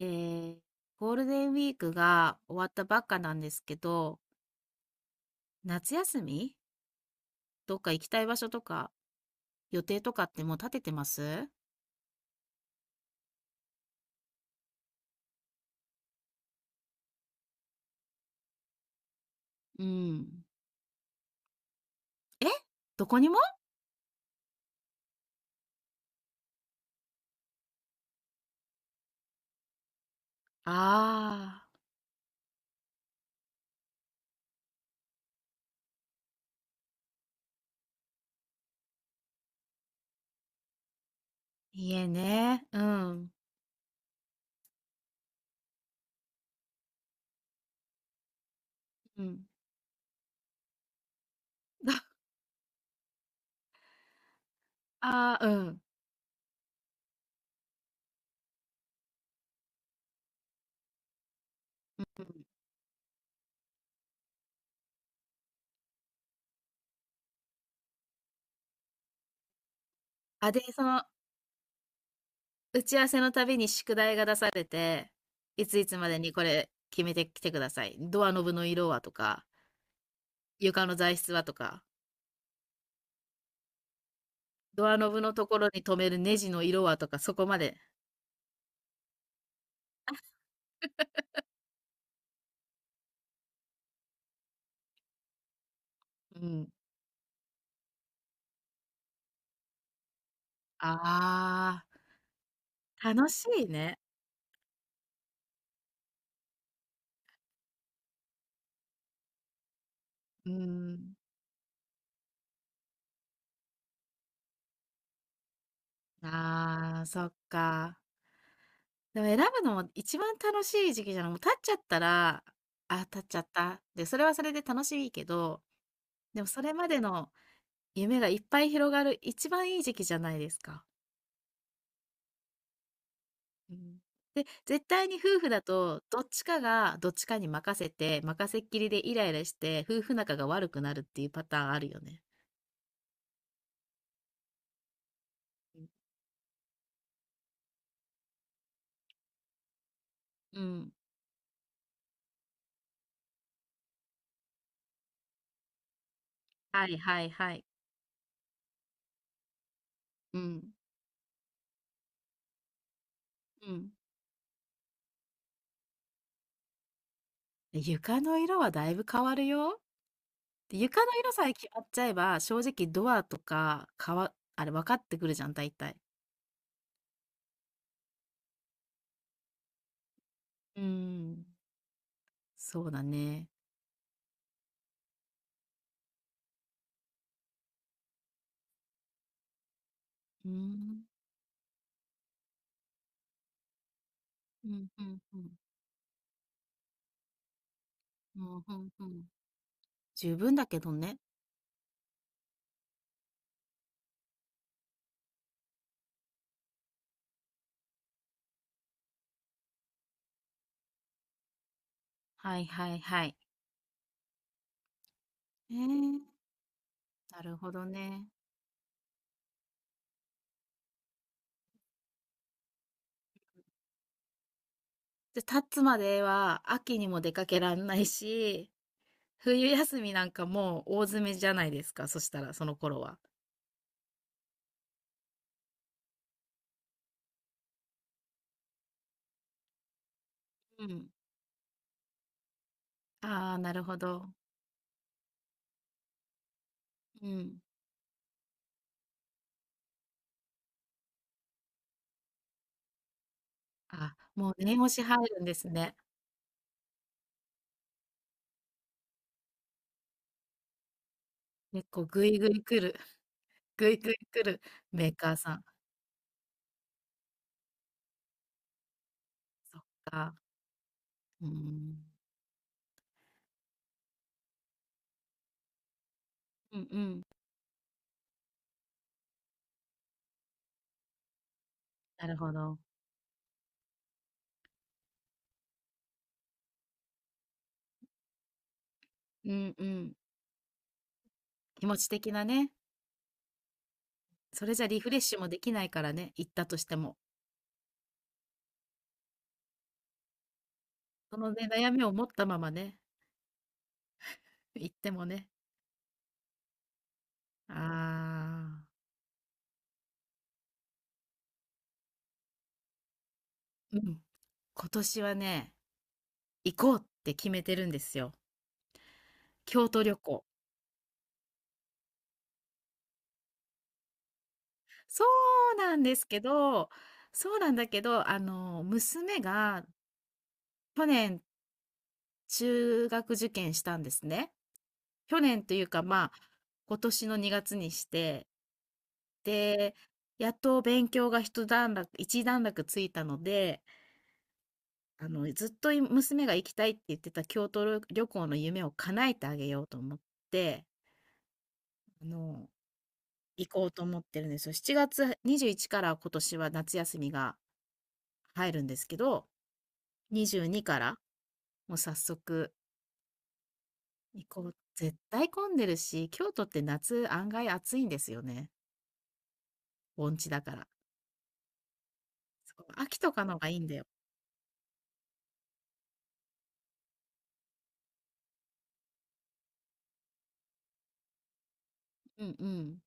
えー、ゴールデンウィークが終わったばっかなんですけど、夏休みどっか行きたい場所とか、予定とかってもう立ててます？うん。え、どこにも。ああー、家ね。うん。うん。ああ、うん。あ、で、打ち合わせのたびに宿題が出されて、いついつまでにこれ決めてきてください。ドアノブの色はとか、床の材質はとか、ドアノブのところに留めるネジの色はとか、そこまで。うん。ああ、楽しいね。あ、うーん。ああ、そっか。でも選ぶのも一番楽しい時期じゃない、もう立っちゃったら、あ、立っちゃった。で、それはそれで楽しいけど、でもそれまでの夢がいっぱい広がる一番いい時期じゃないですか。うん。で、絶対に夫婦だと、どっちかがどっちかに任せて、任せっきりでイライラして、夫婦仲が悪くなるっていうパターンあるよね。うん。うん。はいはいはい。うん。うん。床の色はだいぶ変わるよ。で、床の色さえ決まっちゃえば、正直ドアとか、かわあれ分かってくるじゃん、大体。うん。そうだね。うん。うん、うんうん。うん、うんうん。十分だけどね。はいはいはい。ええ、なるほどね。で、立つまでは秋にも出かけらんないし、冬休みなんかもう大詰めじゃないですか、そしたら、その頃は。うん。ああ、なるほど。うん。あ、もう念押し入るんですね。結構ぐいぐい来る。 ぐいぐい来るメーカーさん。そっか。うーん。うんうん。なるほど。うんうん。気持ち的なね。それじゃリフレッシュもできないからね、行ったとしても。そのね、悩みを持ったままね、行ってもね。ああ、うん。今年はね、行こうって決めてるんですよ。京都旅行。そうなんですけどそうなんだけど、娘が去年中学受験したんですね。去年というか、まあ、今年の2月にして、で、やっと勉強が一段落ついたので、ずっと娘が行きたいって言ってた京都旅行の夢を叶えてあげようと思って、あの、行こうと思ってるんですよ。7月21から今年は夏休みが入るんですけど、22からもう早速行こう。絶対混んでるし、京都って夏案外暑いんですよね。盆地だから。そう、秋とかのがいいんだよ。うんうん。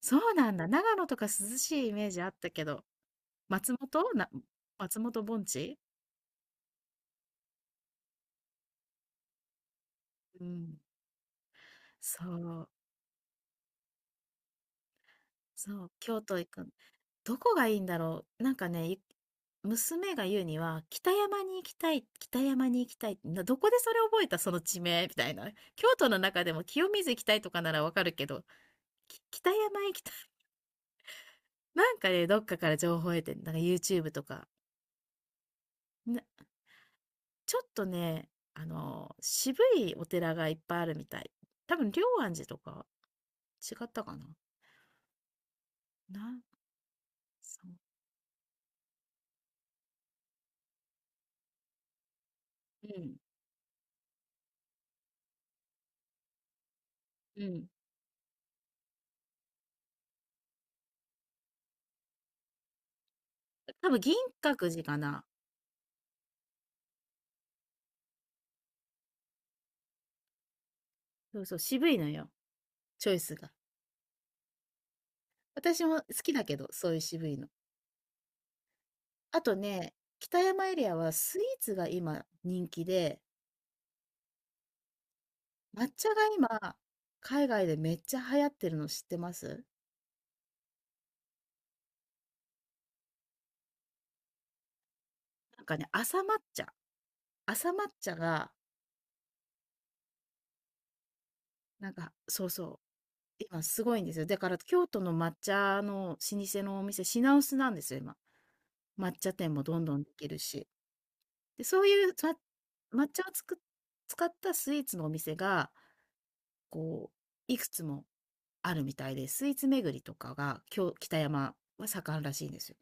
そうなんだ。長野とか涼しいイメージあったけど、松本な松本盆地。うん。そう、そう、京都行く。どこがいいんだろう。なんかね、娘が言うには、北山に行きたい、北山に行きたい。どこでそれ覚えたその地名みたいな。京都の中でも清水行きたいとかならわかるけど、北山行きたい。なんかね、どっかから情報を得てん、なんか YouTube とか。なちょっとね、渋いお寺がいっぱいあるみたい。多分龍安寺とか違ったかな。なそう。うん、うん。多分銀閣寺かな。そうそう、渋いのよ、チョイスが。私も好きだけど、そういう渋いの。あとね、北山エリアはスイーツが今人気で、抹茶が今、海外でめっちゃ流行ってるの知ってます？なんかね、茶朝抹茶が、なんかそうそう今すごいんですよ。だから京都の抹茶の老舗のお店、品薄なんですよ、今。抹茶店もどんどんできるし。で、そういう、抹茶を使ったスイーツのお店が、こいくつもあるみたいで、スイーツ巡りとかが、北山は盛んらしいんですよ。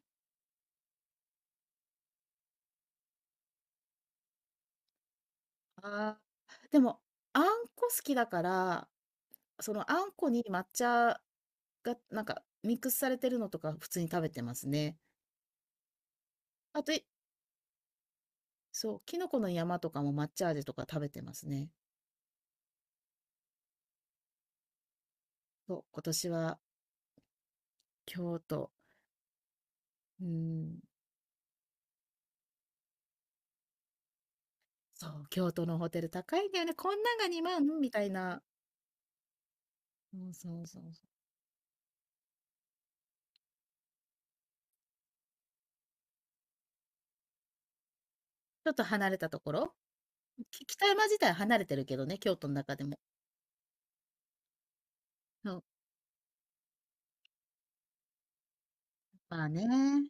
ああ、でも、あんこ好きだから、そのあんこに抹茶がなんかミックスされてるのとか普通に食べてますね。あと、そう、きのこの山とかも抹茶味とか食べてますね。そう、今年は京都、うん、そう、京都のホテル高いんだよね。こんなんが2万みたいな。そうそうそうそう。ちょっと離れたところ、北山自体は離れてるけどね、京都の中でも。そう、まあね、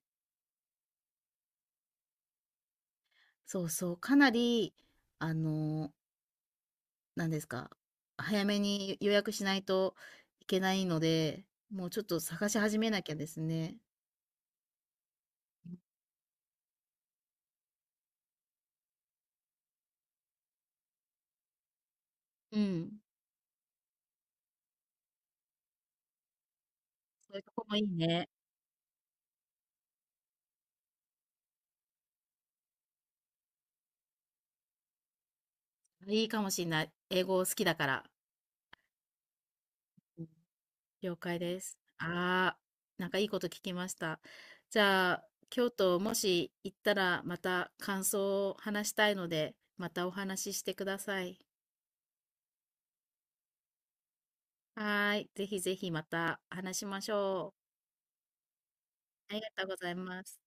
そうそう、かなり、あの、なんですか、早めに予約しないといけないので、もうちょっと探し始めなきゃですね。うん、そういうとこもいいね。いいかもしんない。英語好きだから。うん。了解です。ああ、なんかいいこと聞きました。じゃあ、京都もし行ったらまた感想を話したいので、またお話ししてください。はーい。ぜひぜひまた話しましょう。ありがとうございます。